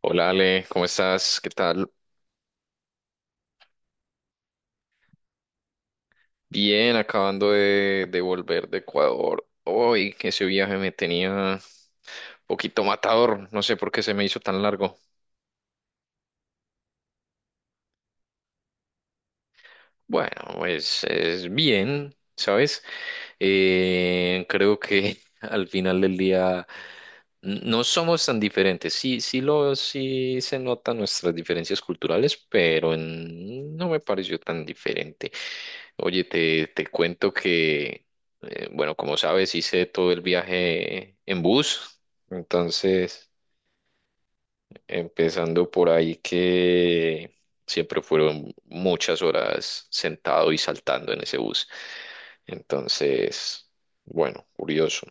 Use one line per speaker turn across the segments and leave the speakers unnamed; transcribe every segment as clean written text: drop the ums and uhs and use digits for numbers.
Hola Ale, ¿cómo estás? ¿Qué tal? Bien, acabando de volver de Ecuador. Hoy que ese viaje me tenía un poquito matador, no sé por qué se me hizo tan largo. Bueno, pues es bien, ¿sabes? Creo que al final del día no somos tan diferentes. Sí, sí se notan nuestras diferencias culturales, pero no me pareció tan diferente. Oye, te cuento que, bueno, como sabes, hice todo el viaje en bus, entonces, empezando por ahí que siempre fueron muchas horas sentado y saltando en ese bus. Entonces, bueno, curioso.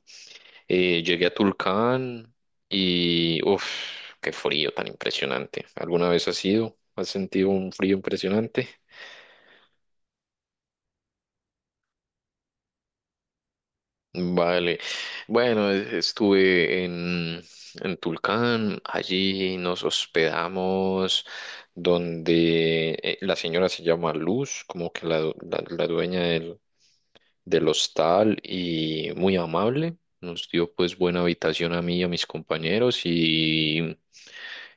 Llegué a Tulcán y, uff, qué frío tan impresionante. ¿Alguna vez has ido? ¿Has sentido un frío impresionante? Vale. Bueno, estuve en Tulcán, allí nos hospedamos donde la señora se llama Luz, como que la, la dueña del, del hostal y muy amable. Nos dio pues buena habitación a mí y a mis compañeros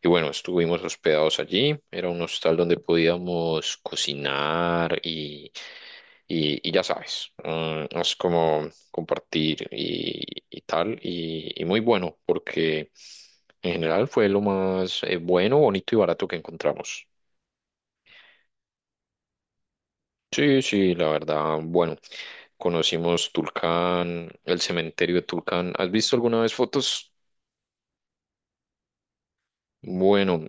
y bueno, estuvimos hospedados allí. Era un hostal donde podíamos cocinar y ya sabes, es como compartir y tal, y muy bueno, porque en general fue lo más bueno, bonito y barato que encontramos. Sí, sí, la verdad, bueno, conocimos Tulcán, el cementerio de Tulcán. ¿Has visto alguna vez fotos? Bueno,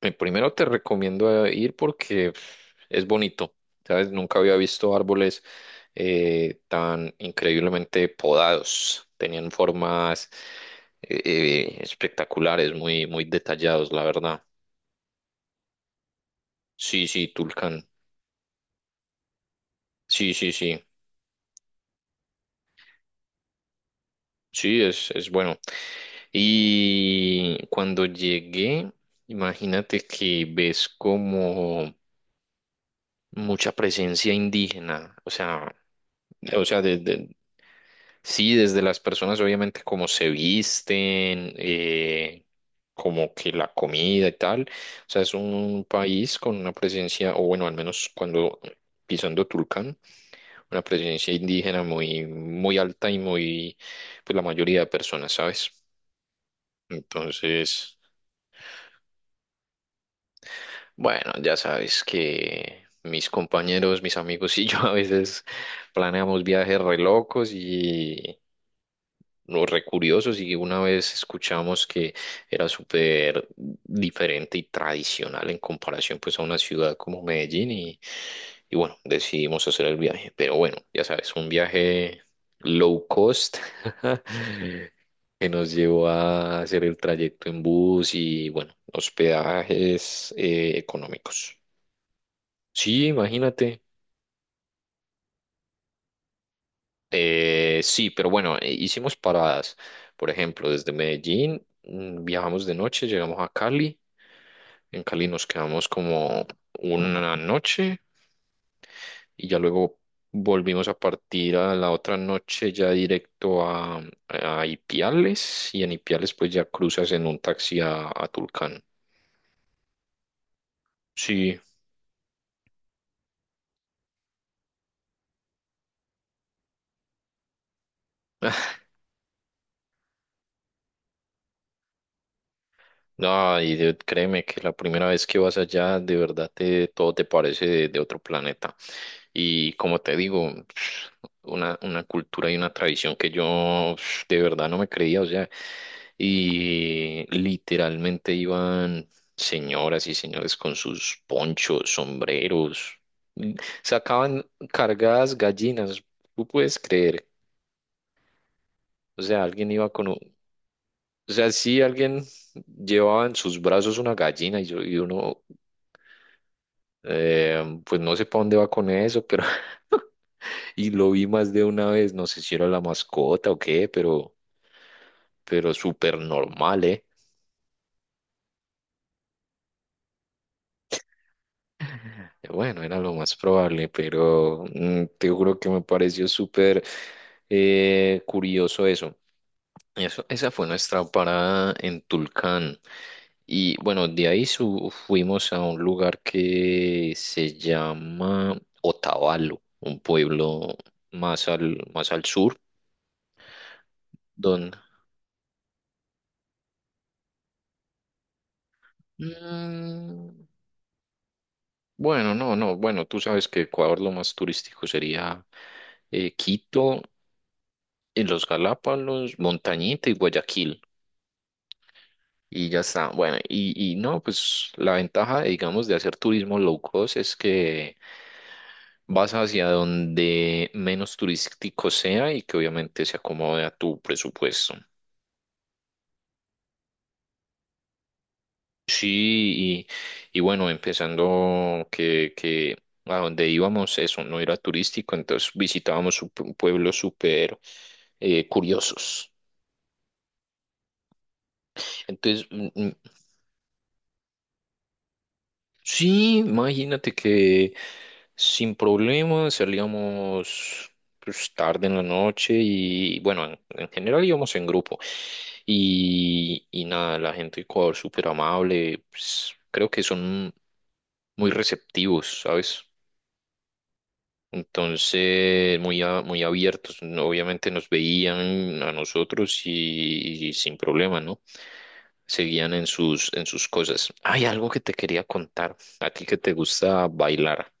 Primero te recomiendo ir porque pf, es bonito, ¿sabes? Nunca había visto árboles tan increíblemente podados. Tenían formas espectaculares, muy, muy detallados, la verdad. Sí, sí, Tulcán. Sí, sí, sí. Sí, es bueno. Y cuando llegué, imagínate que ves como mucha presencia indígena, o sea… O sea, de- Sí, desde las personas, obviamente, cómo se visten, como que la comida y tal. O sea, es un país con una presencia, o bueno, al menos cuando pisando Tulcán, una presencia indígena muy, muy alta y muy, pues la mayoría de personas, ¿sabes? Entonces, bueno, ya sabes que mis compañeros, mis amigos y yo a veces planeamos viajes re locos y, lo recuriosos y una vez escuchamos que era súper diferente y tradicional en comparación pues a una ciudad como Medellín y bueno, decidimos hacer el viaje. Pero bueno, ya sabes, un viaje low cost que nos llevó a hacer el trayecto en bus y bueno, hospedajes económicos. Sí, imagínate. Sí, pero bueno, hicimos paradas. Por ejemplo, desde Medellín viajamos de noche, llegamos a Cali. En Cali nos quedamos como una noche y ya luego volvimos a partir a la otra noche ya directo a Ipiales y en Ipiales pues ya cruzas en un taxi a Tulcán. Sí. No, y de- Créeme que la primera vez que vas allá, de verdad te, todo te parece de otro planeta. Y como te digo, una cultura y una tradición que yo de verdad no me creía, o sea, y literalmente iban señoras y señores con sus ponchos, sombreros, mm, sacaban cargadas gallinas, tú puedes creer, o sea, alguien iba con, o sea, si alguien llevaba en sus brazos una gallina y, yo, y uno, pues no sé para dónde va con eso, pero y lo vi más de una vez, no sé si era la mascota o qué, pero súper normal, ¿eh? Bueno, era lo más probable, pero te juro que me pareció súper curioso eso. Eso, esa fue nuestra parada en Tulcán. Y bueno, de ahí fuimos a un lugar que se llama Otavalo, un pueblo más al sur, donde… Mm, bueno, no, no, bueno, tú sabes que Ecuador lo más turístico sería Quito, los Galápagos, Montañita y Guayaquil. Y ya está. Bueno, y no, pues la ventaja, digamos, de hacer turismo low cost es que vas hacia donde menos turístico sea y que obviamente se acomode a tu presupuesto. Sí, y bueno, empezando que a donde íbamos, eso no era turístico, entonces visitábamos pueblos súper curiosos. Entonces, sí, imagínate que sin problemas salíamos pues, tarde en la noche y bueno, en general íbamos en grupo y nada, la gente de Ecuador súper amable, pues, creo que son muy receptivos, ¿sabes? Entonces, muy, muy abiertos, obviamente nos veían a nosotros y sin problema, ¿no? Seguían en sus cosas. Hay algo que te quería contar, a ti que te gusta bailar.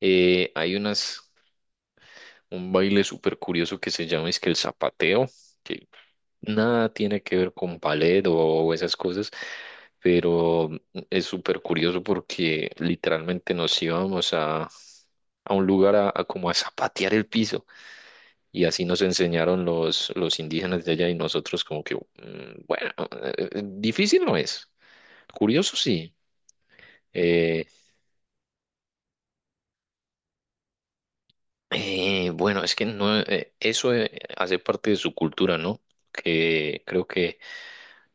Hay unas, un baile súper curioso que se llama es que el zapateo, que nada tiene que ver con ballet o esas cosas, pero es súper curioso porque literalmente nos íbamos a un lugar a como a zapatear el piso. Y así nos enseñaron los indígenas de allá y nosotros como que, bueno, difícil no es, curioso sí. Eh, bueno, es que no, eso hace parte de su cultura, ¿no? Que creo que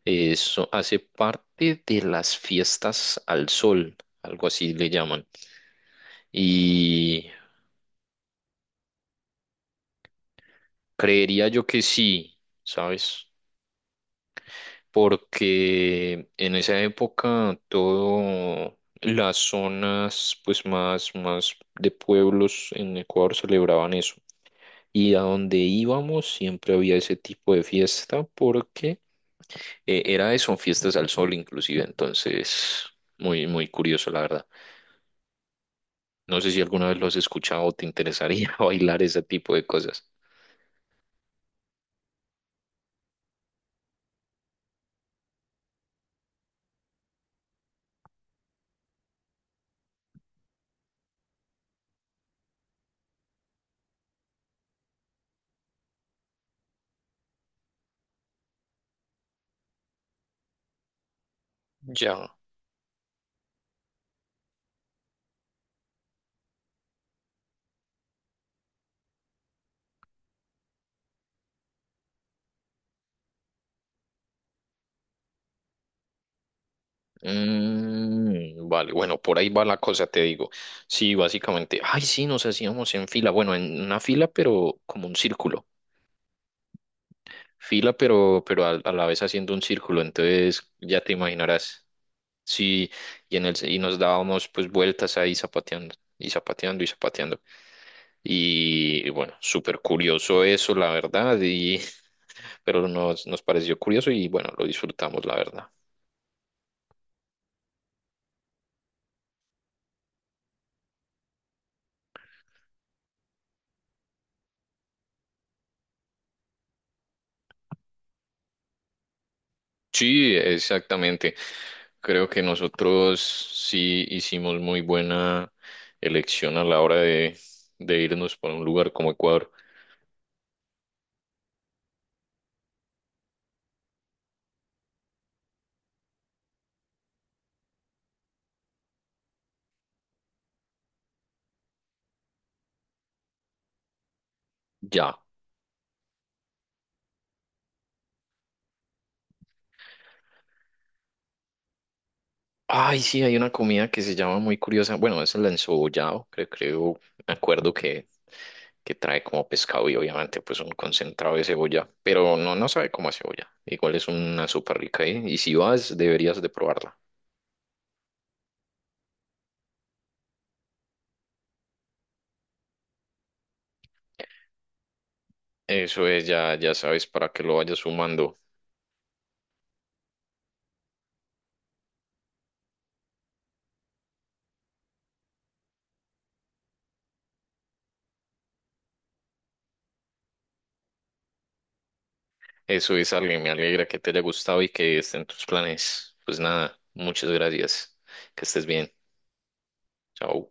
eso hace parte de las fiestas al sol, algo así le llaman. Y creería yo que sí, ¿sabes? Porque en esa época todo las zonas pues más más de pueblos en Ecuador celebraban eso y a donde íbamos siempre había ese tipo de fiesta porque era eso, fiestas al sol inclusive, entonces muy muy curioso la verdad. No sé si alguna vez lo has escuchado o te interesaría bailar ese tipo de cosas. Ya. Vale, bueno, por ahí va la cosa, te digo. Sí, básicamente, ay, sí, nos hacíamos en fila, bueno, en una fila, pero como un círculo. Fila, pero a la vez haciendo un círculo, entonces ya te imaginarás. Sí, y en el y nos dábamos pues vueltas ahí zapateando y zapateando y zapateando. Y bueno, súper curioso eso, la verdad, y pero nos, nos pareció curioso y bueno, lo disfrutamos, la verdad. Sí, exactamente. Creo que nosotros sí hicimos muy buena elección a la hora de irnos por un lugar como Ecuador. Ya. Ay, sí, hay una comida que se llama muy curiosa. Bueno, es el encebollado, creo, creo, me acuerdo que trae como pescado y obviamente pues un concentrado de cebolla, pero no, no sabe cómo a cebolla. Igual es una súper rica, ¿eh? Y si vas, deberías de probarla. Eso es, ya, ya sabes para que lo vayas sumando. Eso es algo, me alegra que te haya gustado y que estén tus planes. Pues nada, muchas gracias. Que estés bien. Chao.